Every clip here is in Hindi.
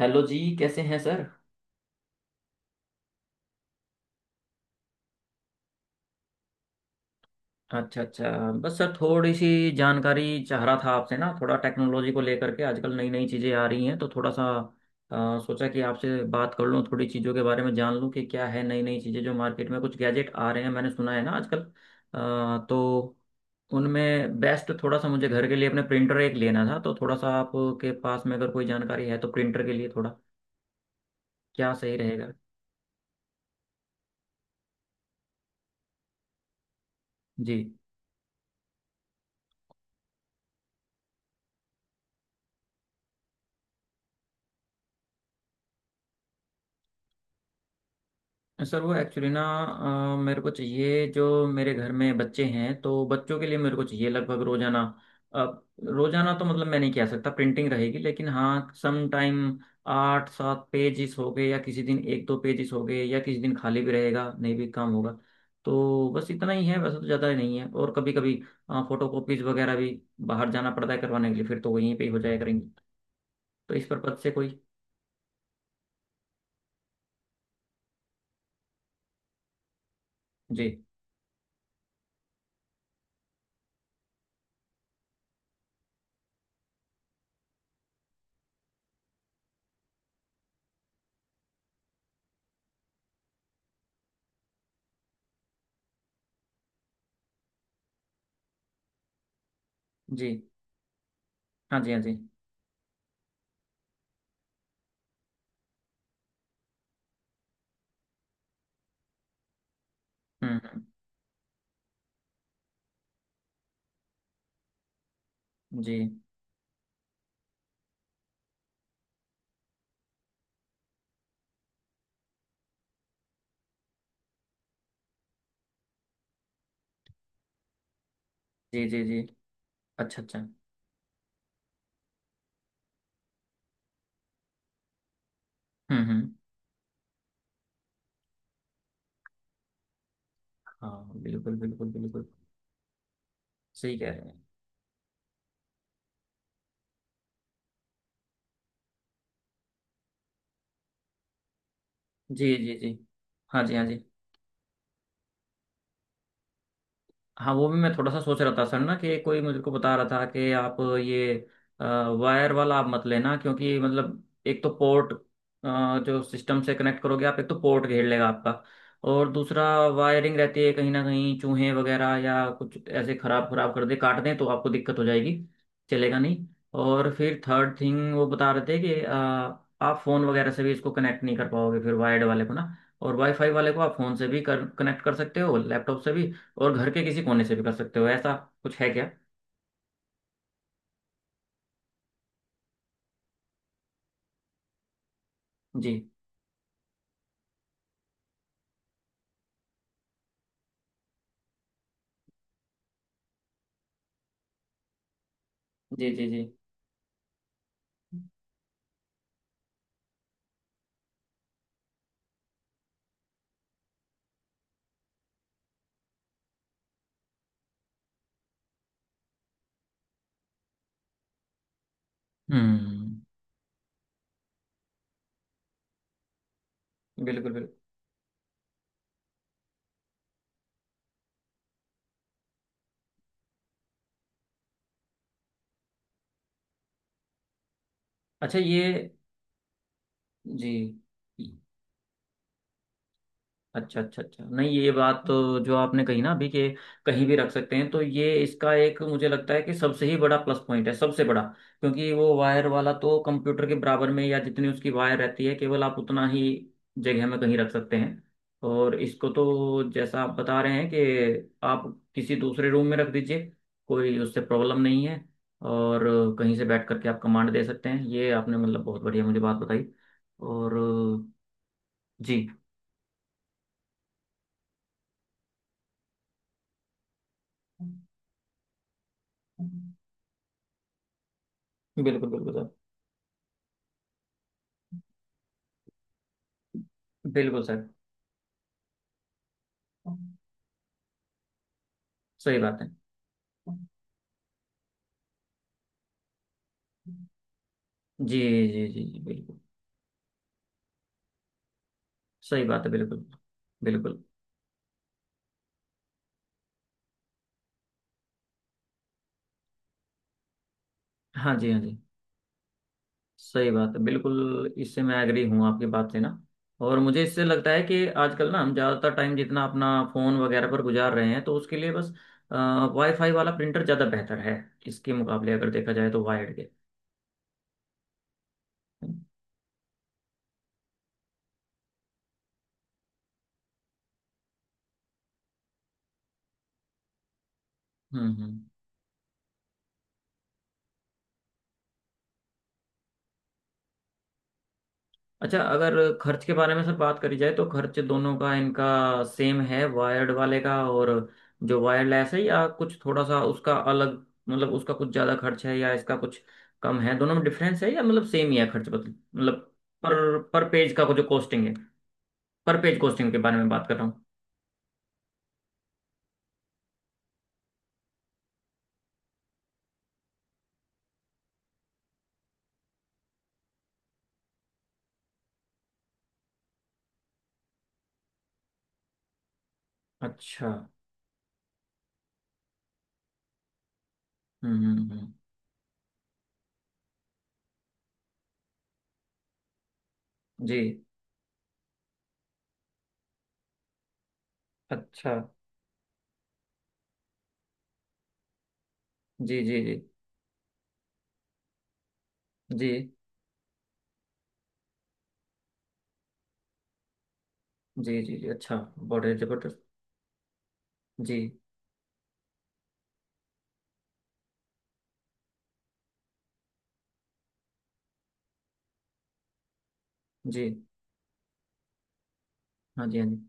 हेलो जी, कैसे हैं सर। अच्छा अच्छा। बस सर, थोड़ी सी जानकारी चाह रहा था आपसे ना, थोड़ा टेक्नोलॉजी को लेकर के। आजकल नई नई चीज़ें आ रही हैं, तो थोड़ा सा सोचा कि आपसे बात कर लूँ, थोड़ी चीज़ों के बारे में जान लूँ कि क्या है। नई नई चीज़ें जो मार्केट में कुछ गैजेट आ रहे हैं, मैंने सुना है ना आजकल। तो उनमें बेस्ट थोड़ा सा, मुझे घर के लिए अपने प्रिंटर एक लेना था, तो थोड़ा सा आपके पास में अगर कोई जानकारी है तो प्रिंटर के लिए थोड़ा क्या सही रहेगा। जी। सर वो एक्चुअली ना, मेरे को चाहिए, जो मेरे घर में बच्चे हैं तो बच्चों के लिए मेरे को चाहिए लगभग रोजाना। अब रोजाना तो मतलब मैं नहीं कह सकता प्रिंटिंग रहेगी, लेकिन हाँ, सम टाइम आठ सात पेजेस हो गए, या किसी दिन एक दो पेजेस हो गए, या किसी दिन खाली भी रहेगा, नहीं भी काम होगा। तो बस इतना ही है, वैसे तो ज़्यादा नहीं है। और कभी कभी फोटो कॉपीज वगैरह भी बाहर जाना पड़ता है करवाने के लिए, फिर तो वहीं पे ही हो जाया करेंगे। तो इस पर्पज से कोई। जी जी। हाँ जी हाँ जी। हम्म हम्म, जी जी जी जी जी। अच्छा अच्छा। हम्म। हाँ बिल्कुल बिल्कुल बिल्कुल। सही कह रहे हैं। जी जी जी। हाँ जी हाँ जी। हाँ, वो भी मैं थोड़ा सा सोच रहा था सर ना, कि कोई मुझे को बता रहा था कि आप ये वायर वाला आप मत लेना, क्योंकि मतलब एक तो पोर्ट जो सिस्टम से कनेक्ट करोगे आप, एक तो पोर्ट घेर लेगा आपका, और दूसरा वायरिंग रहती है कहीं ना कहीं, चूहे वगैरह या कुछ ऐसे खराब खराब कर दे, काट दें, तो आपको दिक्कत हो जाएगी, चलेगा नहीं। और फिर थर्ड थिंग वो बता रहे थे कि आप फ़ोन वगैरह से भी इसको कनेक्ट नहीं कर पाओगे फिर वायर्ड वाले को ना। और वाईफाई वाले को आप फ़ोन से भी कर कनेक्ट कर सकते हो, लैपटॉप से भी, और घर के किसी कोने से भी कर सकते हो, ऐसा कुछ है क्या। जी जी जी जी। हम्म। बिल्कुल बिल्कुल। अच्छा ये। जी। अच्छा अच्छा अच्छा, नहीं ये बात तो जो आपने कही ना अभी कि कहीं भी रख सकते हैं, तो ये इसका एक मुझे लगता है कि सबसे ही बड़ा प्लस पॉइंट है, सबसे बड़ा। क्योंकि वो वायर वाला तो कंप्यूटर के बराबर में, या जितनी उसकी वायर रहती है केवल आप उतना ही जगह में कहीं रख सकते हैं। और इसको तो जैसा आप बता रहे हैं कि आप किसी दूसरे रूम में रख दीजिए, कोई उससे प्रॉब्लम नहीं है। और कहीं से बैठ करके आप कमांड दे सकते हैं, ये आपने मतलब बहुत बढ़िया मुझे बात बताई। और जी बिल्कुल बिल्कुल। सर बिल्कुल सर। सही बात है। जी जी जी जी बिल्कुल। सही बात है बिल्कुल। बिल्कुल। हाँ जी हाँ जी। सही बात है बिल्कुल, इससे मैं एग्री हूँ आपकी बात से ना। और मुझे इससे लगता है कि आजकल ना हम ज़्यादातर टाइम जितना अपना फ़ोन वगैरह पर गुजार रहे हैं, तो उसके लिए बस वाईफाई वाला प्रिंटर ज़्यादा बेहतर है इसके मुकाबले, अगर देखा जाए तो, वायर्ड के। हम्म हम्म हम्म। अच्छा, अगर खर्च के बारे में सर बात करी जाए, तो खर्च दोनों का इनका सेम है, वायर्ड वाले का और जो वायरलेस है, या कुछ थोड़ा सा उसका अलग, मतलब उसका कुछ ज़्यादा खर्च है या इसका कुछ कम है, दोनों में डिफरेंस है या मतलब सेम ही है, खर्च बदल मतलब पर पेज का जो कॉस्टिंग है। पर पेज कॉस्टिंग के बारे में बात कर रहा हूँ। अच्छा। हम्म हम्म हम्म, जी। अच्छा। जी जी जी जी जी जी जी। अच्छा। बड़े जबरदस्त। जी जी। हाँ जी हाँ जी।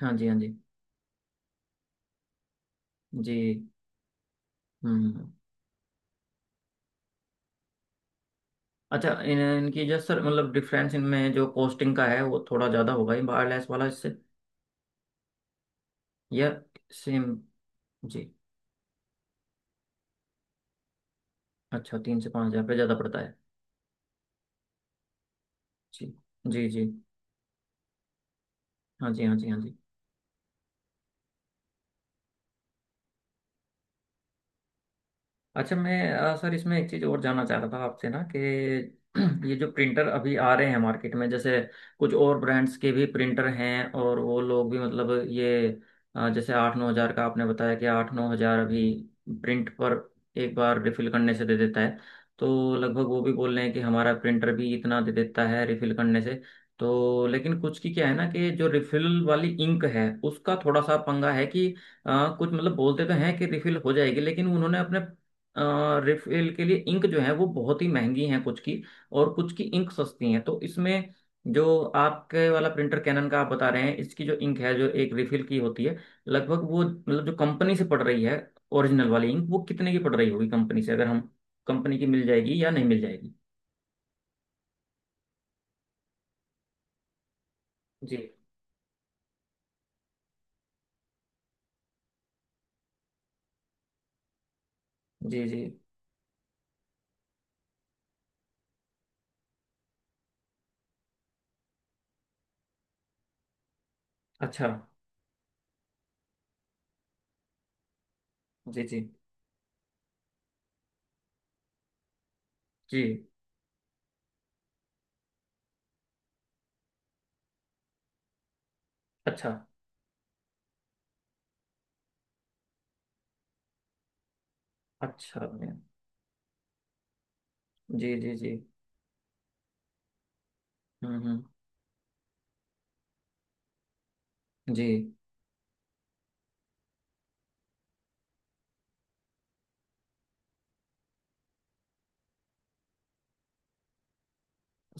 हाँ जी। हाँ जी जी। हम्म। अच्छा, इन इनकी जो सर मतलब डिफरेंस इनमें जो कॉस्टिंग का है वो थोड़ा ज़्यादा होगा ही वायरलेस वाला इससे, या सेम। जी। अच्छा, 3 से 5 हज़ार रुपये ज़्यादा पड़ता है। जी जी जी। हाँ जी हाँ जी हाँ जी। अच्छा मैं सर इसमें एक चीज़ और जानना चाह रहा था आपसे ना कि ये जो प्रिंटर अभी आ रहे हैं मार्केट में, जैसे कुछ और ब्रांड्स के भी प्रिंटर हैं और वो लोग भी मतलब ये जैसे 8-9 हज़ार का आपने बताया कि 8-9 हज़ार अभी प्रिंट पर एक बार रिफिल करने से दे देता है, तो लगभग वो भी बोल रहे हैं कि हमारा प्रिंटर भी इतना दे देता है रिफिल करने से। तो लेकिन कुछ की क्या है ना कि जो रिफिल वाली इंक है उसका थोड़ा सा पंगा है कि कुछ मतलब बोलते तो हैं कि रिफिल हो जाएगी, लेकिन उन्होंने अपने रिफिल के लिए इंक जो है वो बहुत ही महंगी हैं कुछ की, और कुछ की इंक सस्ती हैं। तो इसमें जो आपके वाला प्रिंटर कैनन का आप बता रहे हैं, इसकी जो इंक है जो एक रिफिल की होती है, लगभग वो मतलब जो कंपनी से पड़ रही है, ओरिजिनल वाली इंक वो कितने की पड़ रही होगी कंपनी से, अगर हम कंपनी की मिल जाएगी या नहीं मिल जाएगी। जी जी जी। अच्छा। जी जी जी। अच्छा अच्छा। जी जी जी। हम्म। जी।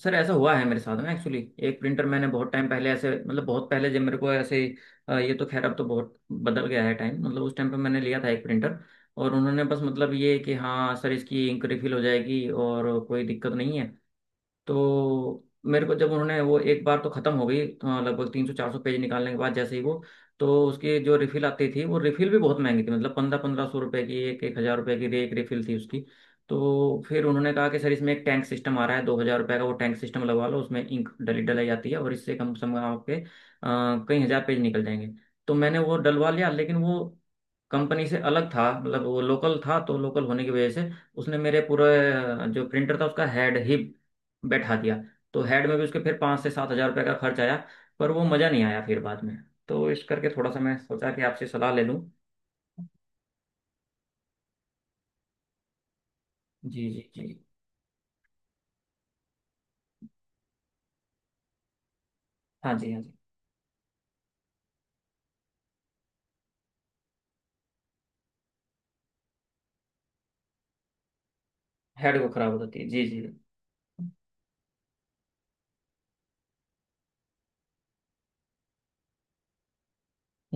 सर ऐसा हुआ है मेरे साथ में, एक्चुअली एक प्रिंटर मैंने बहुत टाइम पहले ऐसे, मतलब बहुत पहले जब मेरे को ऐसे ये तो खैर अब तो बहुत बदल गया है टाइम, मतलब उस टाइम पे मैंने लिया था एक प्रिंटर, और उन्होंने बस मतलब ये कि हाँ सर, इसकी इंक रिफिल हो जाएगी और कोई दिक्कत नहीं है। तो मेरे को जब उन्होंने वो एक बार तो ख़त्म हो गई लगभग 300-400 पेज निकालने के बाद, जैसे ही वो, तो उसकी जो रिफ़िल आती थी वो रिफ़िल भी बहुत महंगी थी, मतलब 1500-1500 रुपये की, 1000-1000 रुपये की एक रिफ़िल थी उसकी। तो फिर उन्होंने कहा कि सर इसमें एक टैंक सिस्टम आ रहा है 2,000 रुपये का, वो टैंक सिस्टम लगवा लो, उसमें इंक डली डलाई जाती है, और इससे कम से कम आपके कई हज़ार पेज निकल जाएंगे। तो मैंने वो डलवा लिया, लेकिन वो कंपनी से अलग था, मतलब वो लोकल था, तो लोकल होने की वजह से उसने मेरे पूरे जो प्रिंटर था उसका हेड ही बैठा दिया। तो हेड में भी उसके फिर 5 से 7 हज़ार रुपये का खर्च आया, पर वो मज़ा नहीं आया फिर बाद में। तो इस करके थोड़ा सा मैं सोचा कि आपसे सलाह ले लूँ। जी जी जी। हाँ जी हाँ जी। हेड को खराब हो जाती है, जी जी।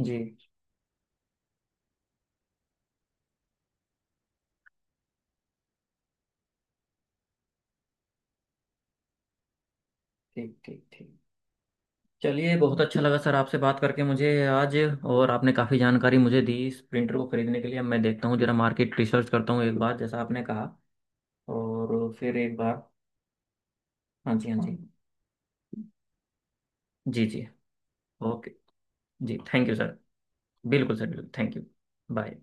जी। ठीक ठीक ठीक। चलिए बहुत अच्छा लगा सर आपसे बात करके मुझे आज, और आपने काफ़ी जानकारी मुझे दी इस प्रिंटर को खरीदने के लिए। अब मैं देखता हूँ जरा, मार्केट रिसर्च करता हूँ एक बार जैसा आपने कहा, और फिर एक बार। हाँ जी हाँ जी। जी जी। ओके। जी थैंक यू सर। बिल्कुल सर बिल्कुल, थैंक यू। बाय।